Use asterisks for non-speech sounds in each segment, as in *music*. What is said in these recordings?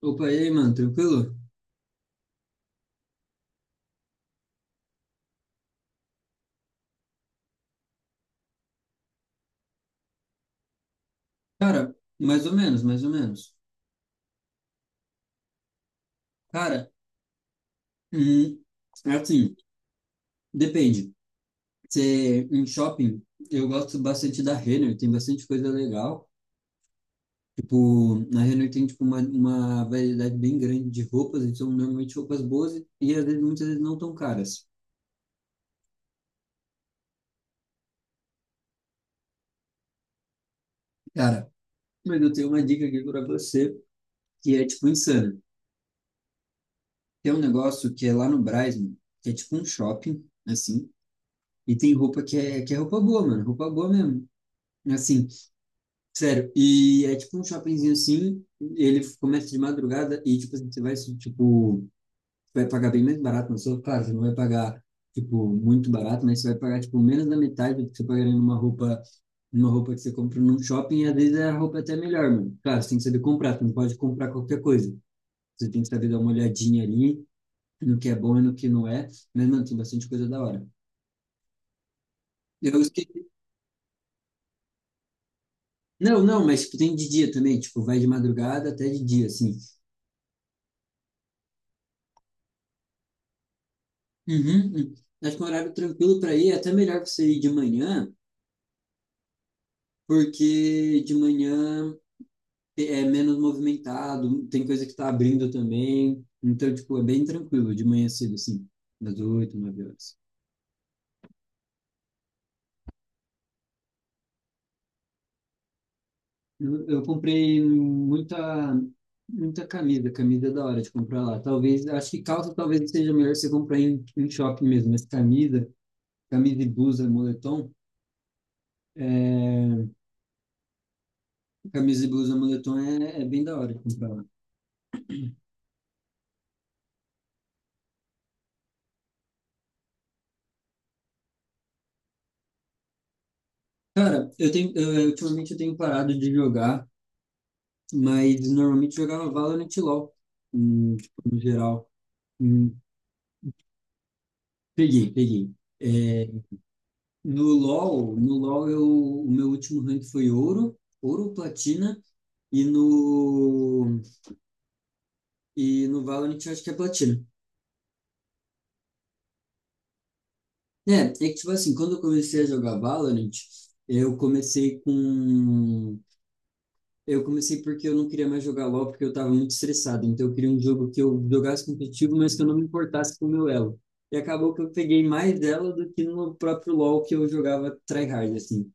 Opa, e aí, mano, tranquilo? Cara, mais ou menos, mais ou menos. Cara, hum, é assim, depende. Você, em shopping, eu gosto bastante da Renner, tem bastante coisa legal. Tipo, na Renner tem, tipo, uma variedade bem grande de roupas, e são normalmente roupas boas e às vezes, muitas vezes não tão caras. Cara, mas eu tenho uma dica aqui pra você, que é, tipo, insana. Tem um negócio que é lá no Brás, mano, que é, tipo, um shopping, assim, e tem roupa que é roupa boa, mano, roupa boa mesmo. Assim, sério, e é tipo um shoppingzinho assim, ele começa de madrugada e tipo, assim, você vai, tipo, vai pagar bem mais barato, não só claro, você não vai pagar, tipo, muito barato, mas você vai pagar, tipo, menos da metade do que você pagaria numa roupa que você compra num shopping, e às vezes a roupa é até melhor, mano. Claro, você tem que saber comprar, você não pode comprar qualquer coisa. Você tem que saber dar uma olhadinha ali no que é bom e no que não é, mas, mano, tem bastante coisa da hora. Eu esque- Não, não, mas tipo, tem de dia também, tipo, vai de madrugada até de dia, assim. Uhum, uhum. Acho que um horário tranquilo para ir é até melhor você ir de manhã, porque de manhã é menos movimentado, tem coisa que tá abrindo também. Então, tipo, é bem tranquilo de manhã cedo, assim, das 8, 9 horas. Eu comprei muita, muita camisa, camisa é da hora de comprar lá. Talvez, acho que calça talvez seja melhor você comprar em shopping mesmo, mas camisa, camisa e blusa, moletom, é, camisa e blusa, moletom é bem da hora de comprar. Cara, ultimamente eu tenho parado de jogar, mas normalmente jogava Valorant e LoL, tipo, no geral. Hum, peguei, peguei. É, no LoL o meu último rank foi ouro, ouro, platina, e no, e no Valorant eu acho que é platina. É que tipo assim, quando eu comecei a jogar Valorant, eu comecei com Eu comecei porque eu não queria mais jogar LoL, porque eu estava muito estressado. Então eu queria um jogo que eu jogasse competitivo, mas que eu não me importasse com o meu elo. E acabou que eu peguei mais dela do que no próprio LoL que eu jogava tryhard, assim.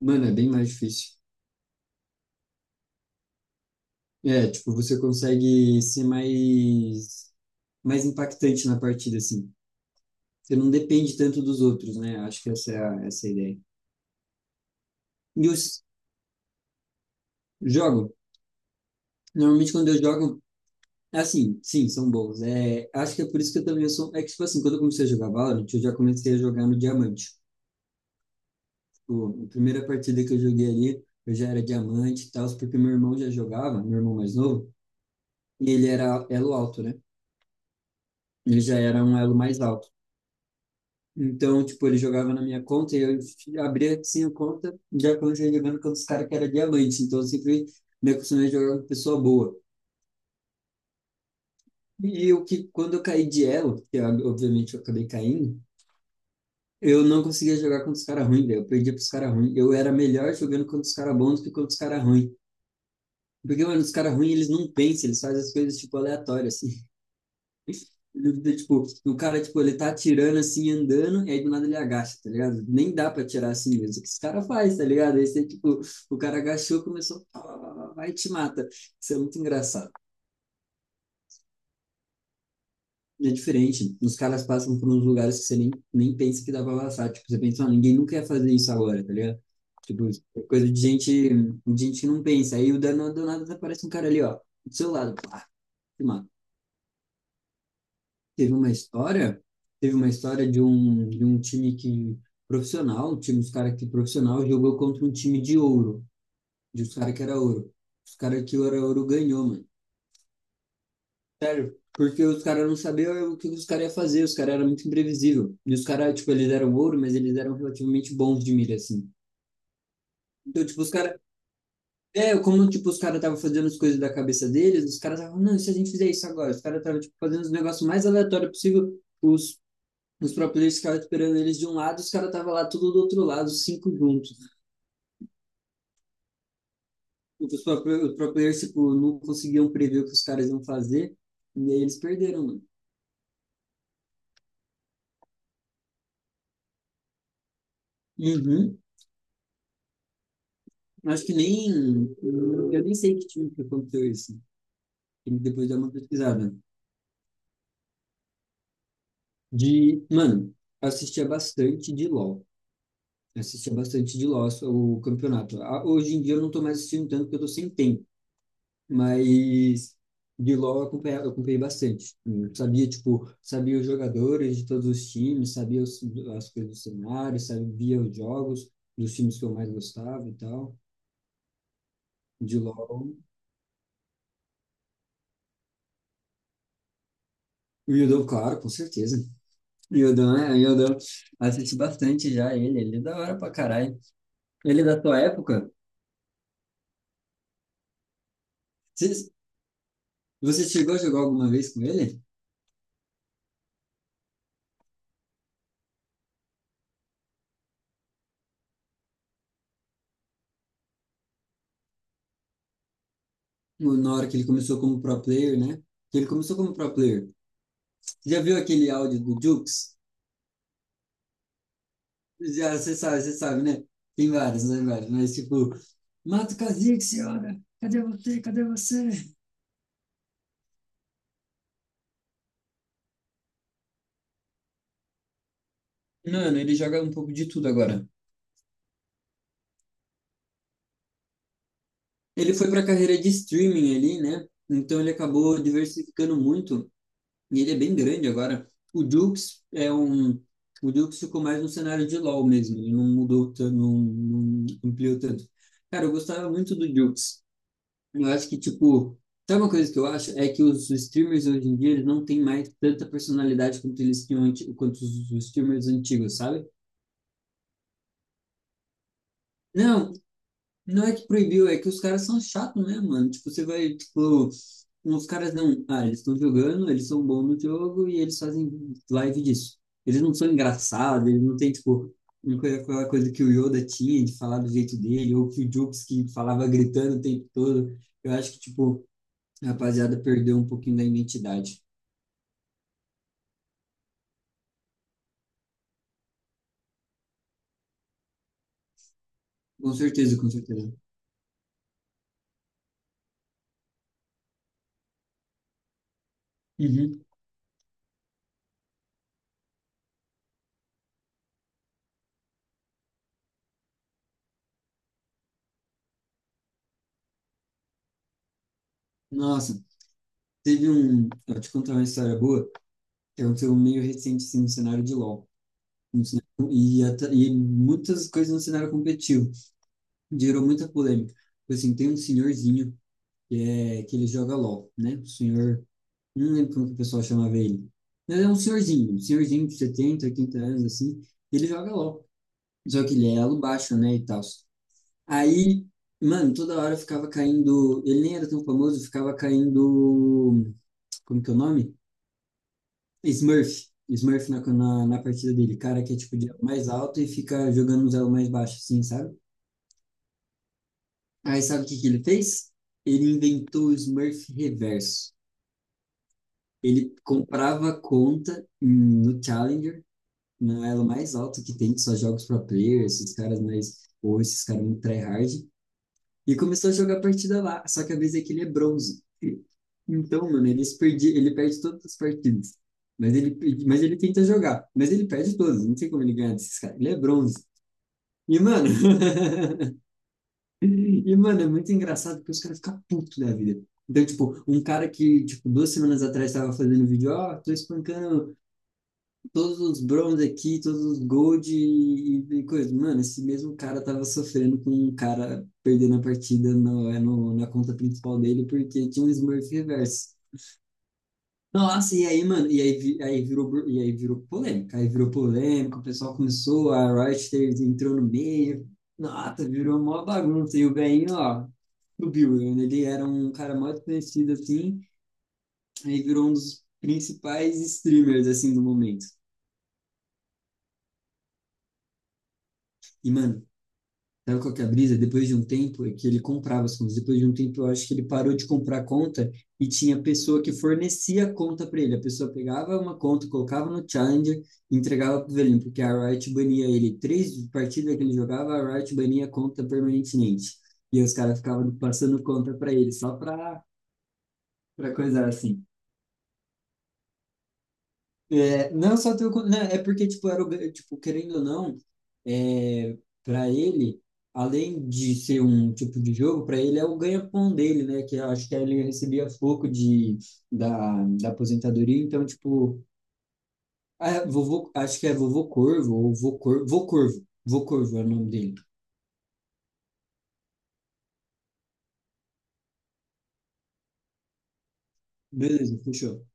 Mano, é bem mais difícil. É, tipo, você consegue ser mais impactante na partida, assim. Você não depende tanto dos outros, né? Acho que essa é a ideia. E eu jogo. Normalmente quando eu jogo, assim, sim, são bons. É, acho que é por isso que eu também sou. É que, tipo assim, quando eu comecei a jogar Valorant, eu já comecei a jogar no Diamante. Tipo, a primeira partida que eu joguei ali, eu já era Diamante e tal, porque meu irmão já jogava, meu irmão mais novo, e ele era elo alto, né? Ele já era um elo mais alto. Então, tipo, ele jogava na minha conta e eu abria assim a conta, já comecei jogando com os caras que era Diamante. Então, eu sempre me acostumei a jogar com pessoa boa. E o que, quando eu caí de elo, que eu, obviamente eu acabei caindo, eu não conseguia jogar contra os caras ruins, velho. Eu perdia pros caras ruins. Eu era melhor jogando contra os caras bons do que contra os caras ruins. Porque, mano, os caras ruins, eles não pensam, eles fazem as coisas, tipo, aleatórias, assim. *laughs* Tipo, o cara, tipo, ele tá atirando, assim, andando, e aí do nada ele agacha, tá ligado? Nem dá pra atirar assim mesmo. O que esse cara faz, tá ligado? Aí você, tipo, o cara agachou, começou, pá, pá, pá, pá, vai e te mata. Isso é muito engraçado. É diferente. Os caras passam por uns lugares que você nem pensa que dá pra passar. Tipo, você pensa, ah, ninguém nunca ia fazer isso agora, tá ligado? Tipo, é coisa de gente que não pensa. Aí o dano do nada aparece um cara ali, ó, do seu lado. Pá, te mata. Teve uma história, teve uma história de um time que profissional, um time dos caras que profissional jogou contra um time de ouro, de os caras que era ouro. Os caras que era ouro ganhou, mano. Sério, porque os caras não sabiam o que os caras iam fazer, os caras eram muito imprevisível. E os caras, tipo, eles eram ouro, mas eles eram relativamente bons de mira assim. Então, tipo, os caras. É, como, tipo, os caras estavam fazendo as coisas da cabeça deles, os caras estavam, não, e se a gente fizer isso agora? Os caras estavam, tipo, fazendo os negócios mais aleatórios possível. Os próprios ficavam esperando eles de um lado, os caras estavam lá tudo do outro lado, os cinco juntos. Tipo, os próprios, tipo, não conseguiam prever o que os caras iam fazer, e aí eles perderam, mano. Uhum. Acho que nem. Eu nem sei que time que aconteceu isso. Tem que depois dar uma pesquisada. De. Mano, assistia bastante de LOL. Assistia bastante de LOL o campeonato. Ah, hoje em dia eu não tô mais assistindo tanto porque eu tô sem tempo. Mas de LOL eu acompanhava, eu acompanhei bastante. Eu sabia, tipo, sabia os jogadores de todos os times, sabia as coisas do cenário, sabia os jogos dos times que eu mais gostava e tal. De LOL. O Yudou, claro, com certeza. Yodão, né? Yodão. Assisti bastante já ele. Ele é da hora pra caralho. Ele é da tua época? Você, você chegou a jogar alguma vez com ele? Na hora que ele começou como pro player, né? Que ele começou como pro player. Já viu aquele áudio do Jukes? Já, você sabe, né? Tem vários, né, vários. Mas, tipo, mata o Kha'Zix, senhora! Cadê você? Cadê você? Mano, ele joga um pouco de tudo agora. Ele foi pra carreira de streaming ali, né? Então ele acabou diversificando muito. E ele é bem grande agora. O Dukes é um. O Dukes ficou mais no cenário de LoL mesmo. Ele não mudou, não, não ampliou tanto. Cara, eu gostava muito do Dukes. Eu acho que, tipo. Sabe uma coisa que eu acho? É que os streamers hoje em dia eles não têm mais tanta personalidade quanto eles tinham, quanto os streamers antigos, sabe? Não, não é que proibiu, é que os caras são chatos, né, mano? Tipo, você vai, tipo, os caras não. Ah, eles estão jogando, eles são bons no jogo e eles fazem live disso. Eles não são engraçados, eles não têm, tipo, aquela coisa que o Yoda tinha de falar do jeito dele, ou que o Jukes que falava gritando o tempo todo. Eu acho que, tipo, a rapaziada perdeu um pouquinho da identidade. Com certeza, com certeza. Uhum. Nossa. Teve um. Eu te contar uma história boa que aconteceu meio recente, assim, no cenário de LoL. E muitas coisas no cenário competitivo. Gerou muita polêmica. Tipo, assim, tem um senhorzinho que, é, que ele joga LOL, né? O senhor. Não lembro como que o pessoal chamava ele. Mas é um senhorzinho. Um senhorzinho de 70, 80 anos, assim. Ele joga LOL. Só que ele é elo baixo, né? E tal. Aí, mano, toda hora ficava caindo. Ele nem era tão famoso, ficava caindo. Como que é o nome? Smurf. Smurf na partida dele. Cara que é tipo de elo mais alto e fica jogando uns elos mais baixos, assim, sabe? Aí sabe o que que ele fez? Ele inventou o Smurf reverso. Ele comprava conta no Challenger, no elo mais alto que tem, que só jogos pro players, esses caras mais. Ou esses caras muito tryhard. E começou a jogar partida lá. Só que a vez é que ele é bronze. Então, mano, ele, se perdi, ele perde todas as partidas. Mas ele tenta jogar. Mas ele perde todas. Não sei como ele ganha desses caras. Ele é bronze. E, mano, *laughs* e, mano, é muito engraçado porque os caras ficam putos da vida. Então, tipo, um cara que, tipo, 2 semanas atrás tava fazendo vídeo, ó, tô espancando todos os bronze aqui, todos os gold e coisa. Mano, esse mesmo cara tava sofrendo com um cara perdendo a partida na conta principal dele porque tinha um Smurf reverso. Nossa, e aí, mano, e aí, aí virou, e aí virou polêmica, o pessoal começou, a Riot entrou no meio, nossa, virou mó bagunça, e o Gainho, ó, subiu, ele era um cara muito conhecido, assim, aí virou um dos principais streamers, assim, do momento. E, mano, sabe qual que é a brisa? Depois de um tempo, é que ele comprava as contas. Depois de um tempo, eu acho que ele parou de comprar a conta e tinha pessoa que fornecia a conta para ele. A pessoa pegava uma conta, colocava no Challenger e entregava para o velhinho, porque a Riot bania ele. Três partidas que ele jogava, a Riot bania a conta permanentemente. E os caras ficavam passando conta para ele, só para coisa assim. É, não só teu, não, é porque tipo era tipo querendo ou não, é, para ele, além de ser um tipo de jogo, para ele é o ganha-pão dele, né? Que eu acho que ele recebia pouco da, da aposentadoria, então tipo, ah, vovô, acho que é vovô Corvo ou vô Corvo, vô Corvo, vô Corvo é o nome dele. Beleza, fechou.